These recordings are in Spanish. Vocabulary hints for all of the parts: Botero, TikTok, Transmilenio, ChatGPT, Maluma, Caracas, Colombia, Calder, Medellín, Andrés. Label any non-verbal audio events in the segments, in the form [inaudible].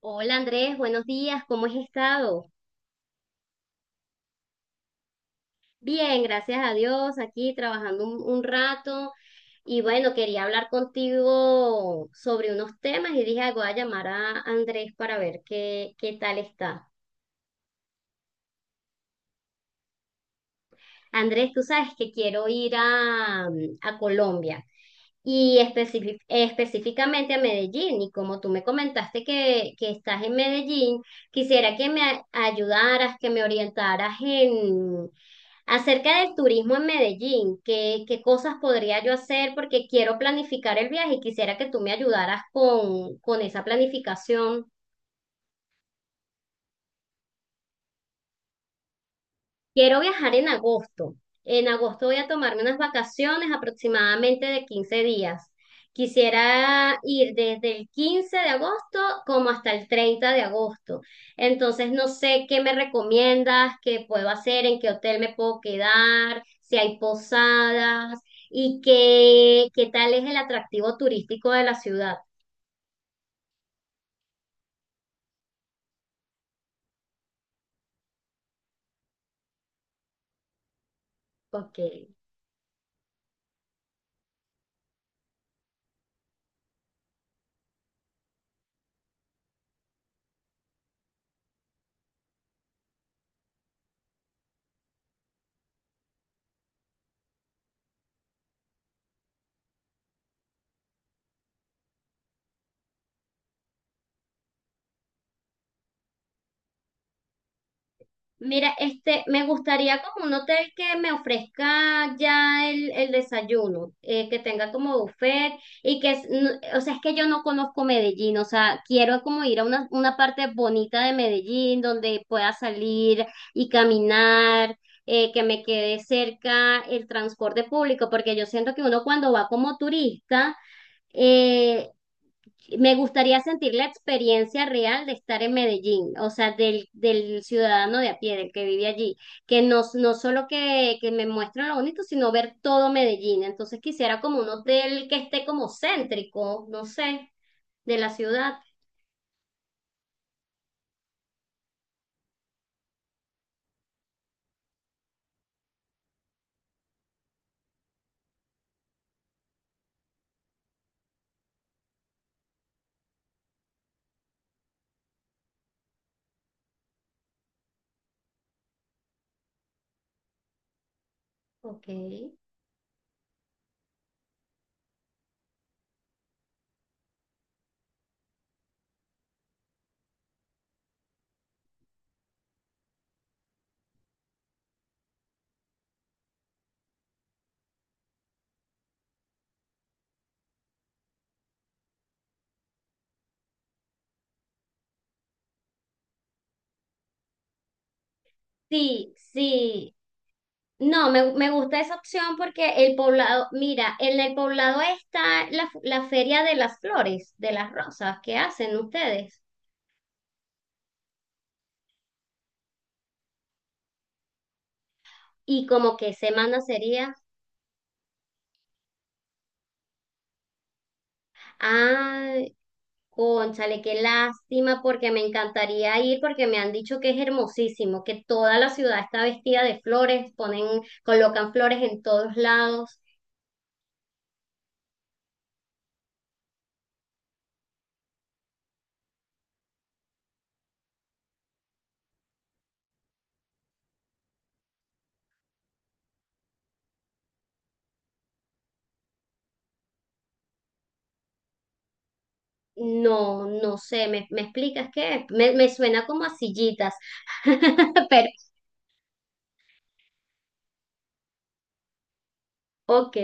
Hola Andrés, buenos días, ¿cómo has estado? Bien, gracias a Dios, aquí trabajando un rato y bueno, quería hablar contigo sobre unos temas y dije, "Ay, voy a llamar a Andrés para ver qué tal está." Andrés, tú sabes que quiero ir a Colombia. Y específicamente a Medellín, y como tú me comentaste que estás en Medellín, quisiera que me ayudaras, que me orientaras en acerca del turismo en Medellín, qué cosas podría yo hacer porque quiero planificar el viaje y quisiera que tú me ayudaras con esa planificación. Quiero viajar en agosto. En agosto voy a tomarme unas vacaciones aproximadamente de 15 días. Quisiera ir desde el 15 de agosto como hasta el 30 de agosto. Entonces no sé qué me recomiendas, qué puedo hacer, en qué hotel me puedo quedar, si hay posadas y qué tal es el atractivo turístico de la ciudad. Ok. Mira, este, me gustaría como un hotel que me ofrezca ya el desayuno, que tenga como buffet y o sea, es que yo no conozco Medellín, o sea, quiero como ir a una parte bonita de Medellín donde pueda salir y caminar, que me quede cerca el transporte público, porque yo siento que uno cuando va como turista, eh, me gustaría sentir la experiencia real de estar en Medellín, o sea, del ciudadano de a pie, del que vive allí, que no solo que me muestren lo bonito, sino ver todo Medellín. Entonces quisiera como un hotel que esté como céntrico, no sé, de la ciudad. Ok. Sí, sí. No, me gusta esa opción porque el Poblado, mira, en el Poblado está la Feria de las Flores, de las rosas que hacen ustedes. ¿Y como qué semana sería? Ay, cónchale, qué lástima, porque me encantaría ir, porque me han dicho que es hermosísimo, que toda la ciudad está vestida de flores, ponen, colocan flores en todos lados. No, no sé, ¿me explicas qué? Me suena como a sillitas, [laughs] pero ok,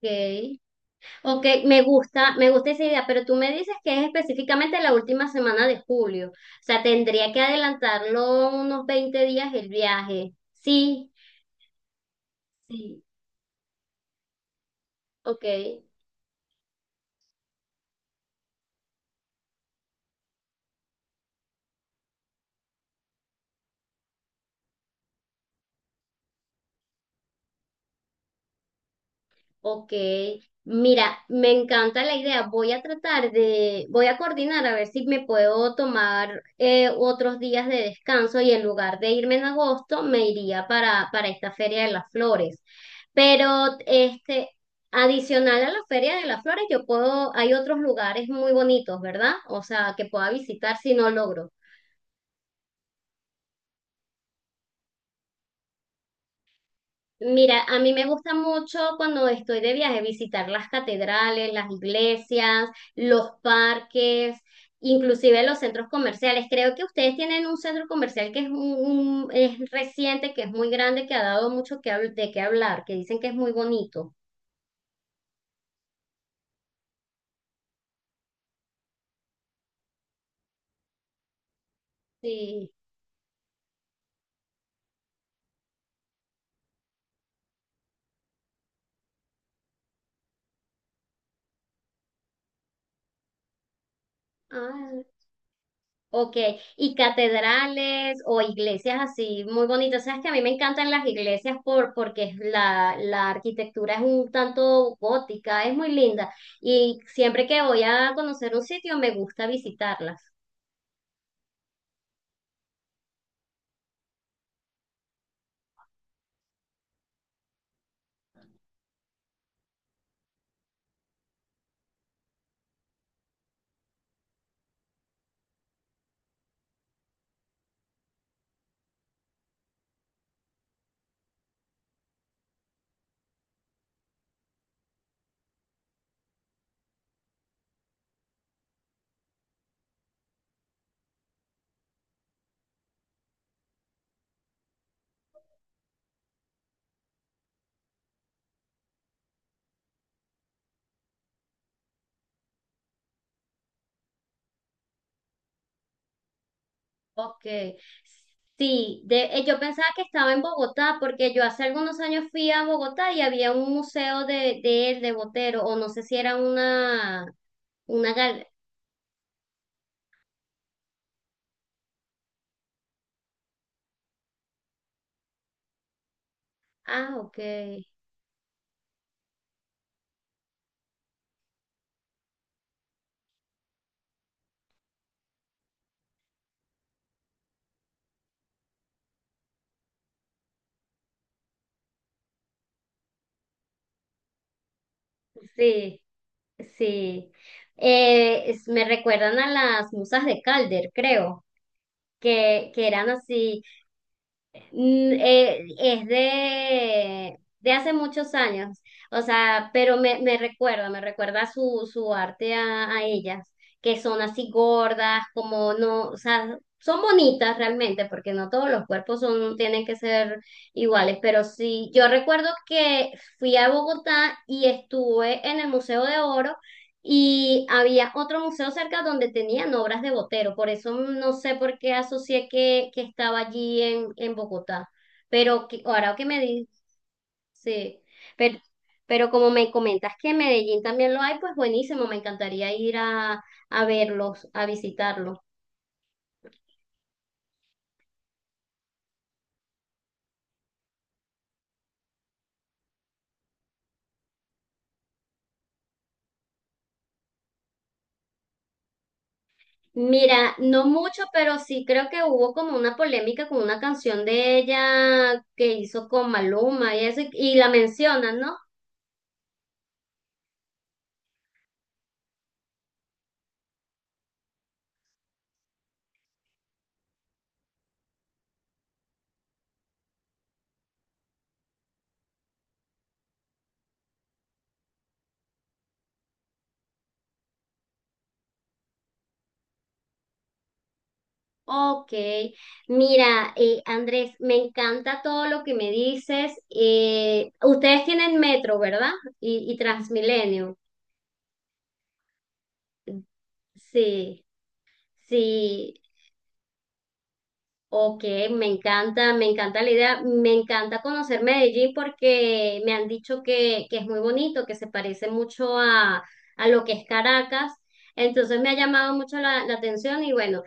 ok, ok, me gusta esa idea, pero tú me dices que es específicamente la última semana de julio, o sea, tendría que adelantarlo unos 20 días el viaje. Sí. Sí. Ok, ok. Mira, me encanta la idea. Voy a coordinar a ver si me puedo tomar otros días de descanso y en lugar de irme en agosto, me iría para esta Feria de las Flores. Pero este, adicional a la Feria de las Flores, hay otros lugares muy bonitos, ¿verdad? O sea, que pueda visitar si no logro. Mira, a mí me gusta mucho cuando estoy de viaje visitar las catedrales, las iglesias, los parques, inclusive los centros comerciales. Creo que ustedes tienen un centro comercial que es reciente, que es muy grande, que ha dado mucho de qué hablar, que dicen que es muy bonito. Sí. Ah. Ok, y catedrales o iglesias así muy bonitas. Sabes que a mí me encantan las iglesias porque la arquitectura es un tanto gótica, es muy linda. Y siempre que voy a conocer un sitio me gusta visitarlas. Ok, sí, yo pensaba que estaba en Bogotá porque yo hace algunos años fui a Bogotá y había un museo de él, de Botero, o no sé si era una gal- Ah, ok, sí. Sí, me recuerdan a las musas de Calder, creo, que eran así. Es de hace muchos años, o sea, pero me recuerda, me recuerda su arte a ellas, que son así gordas, como no, o sea, son bonitas realmente, porque no todos los cuerpos tienen que ser iguales, pero sí, yo recuerdo que fui a Bogotá y estuve en el Museo de Oro y había otro museo cerca donde tenían obras de Botero, por eso no sé por qué asocié que estaba allí en Bogotá. Pero que- ahora que me di- sí, pero, pero como me comentas que en Medellín también lo hay, pues buenísimo, me encantaría ir a verlos, a visitarlos. Mira, no mucho, pero sí creo que hubo como una polémica con una canción de ella que hizo con Maluma y eso, y la mencionan, ¿no? Ok, mira, Andrés, me encanta todo lo que me dices. Ustedes tienen metro, ¿verdad? Y Transmilenio. Sí, sí, ok, me encanta la idea, me encanta conocer Medellín porque me han dicho que es muy bonito, que se parece mucho a lo que es Caracas, entonces me ha llamado mucho la atención y bueno,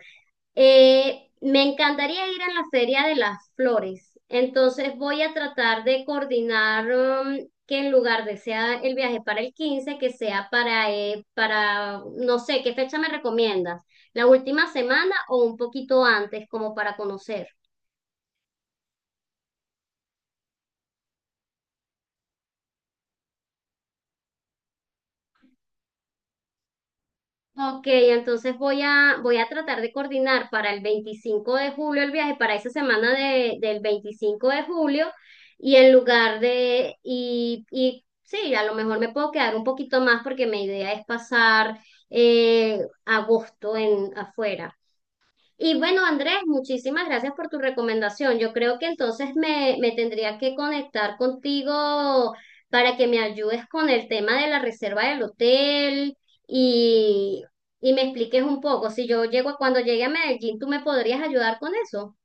Me encantaría ir a la Feria de las Flores, entonces voy a tratar de coordinar que en lugar de sea el viaje para el 15 que sea para, no sé, ¿qué fecha me recomiendas? ¿La última semana o un poquito antes como para conocer? Ok, entonces voy a tratar de coordinar para el 25 de julio el viaje, para esa semana del 25 de julio, y y sí, a lo mejor me puedo quedar un poquito más porque mi idea es pasar eh, agosto en afuera. Y bueno, Andrés, muchísimas gracias por tu recomendación. Yo creo que entonces me tendría que conectar contigo para que me ayudes con el tema de la reserva del hotel y, y me expliques un poco. Si yo llego, cuando llegue a Medellín, ¿tú me podrías ayudar con eso?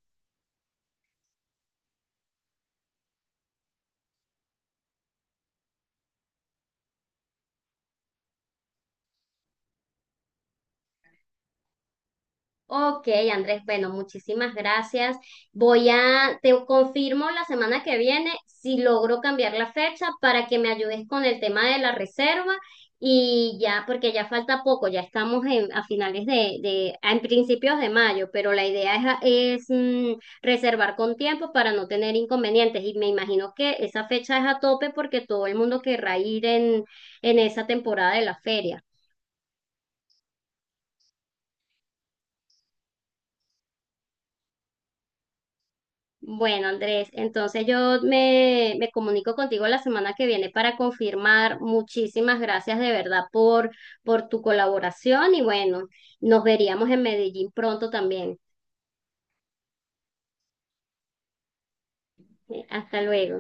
Ok, Andrés, bueno, muchísimas gracias. Te confirmo la semana que viene si logro cambiar la fecha para que me ayudes con el tema de la reserva y ya, porque ya falta poco, ya estamos a finales en principios de mayo, pero la idea es, es, mm, reservar con tiempo para no tener inconvenientes y me imagino que esa fecha es a tope porque todo el mundo querrá ir en esa temporada de la feria. Bueno, Andrés, entonces yo me comunico contigo la semana que viene para confirmar. Muchísimas gracias de verdad por tu colaboración y bueno, nos veríamos en Medellín pronto también. Hasta luego.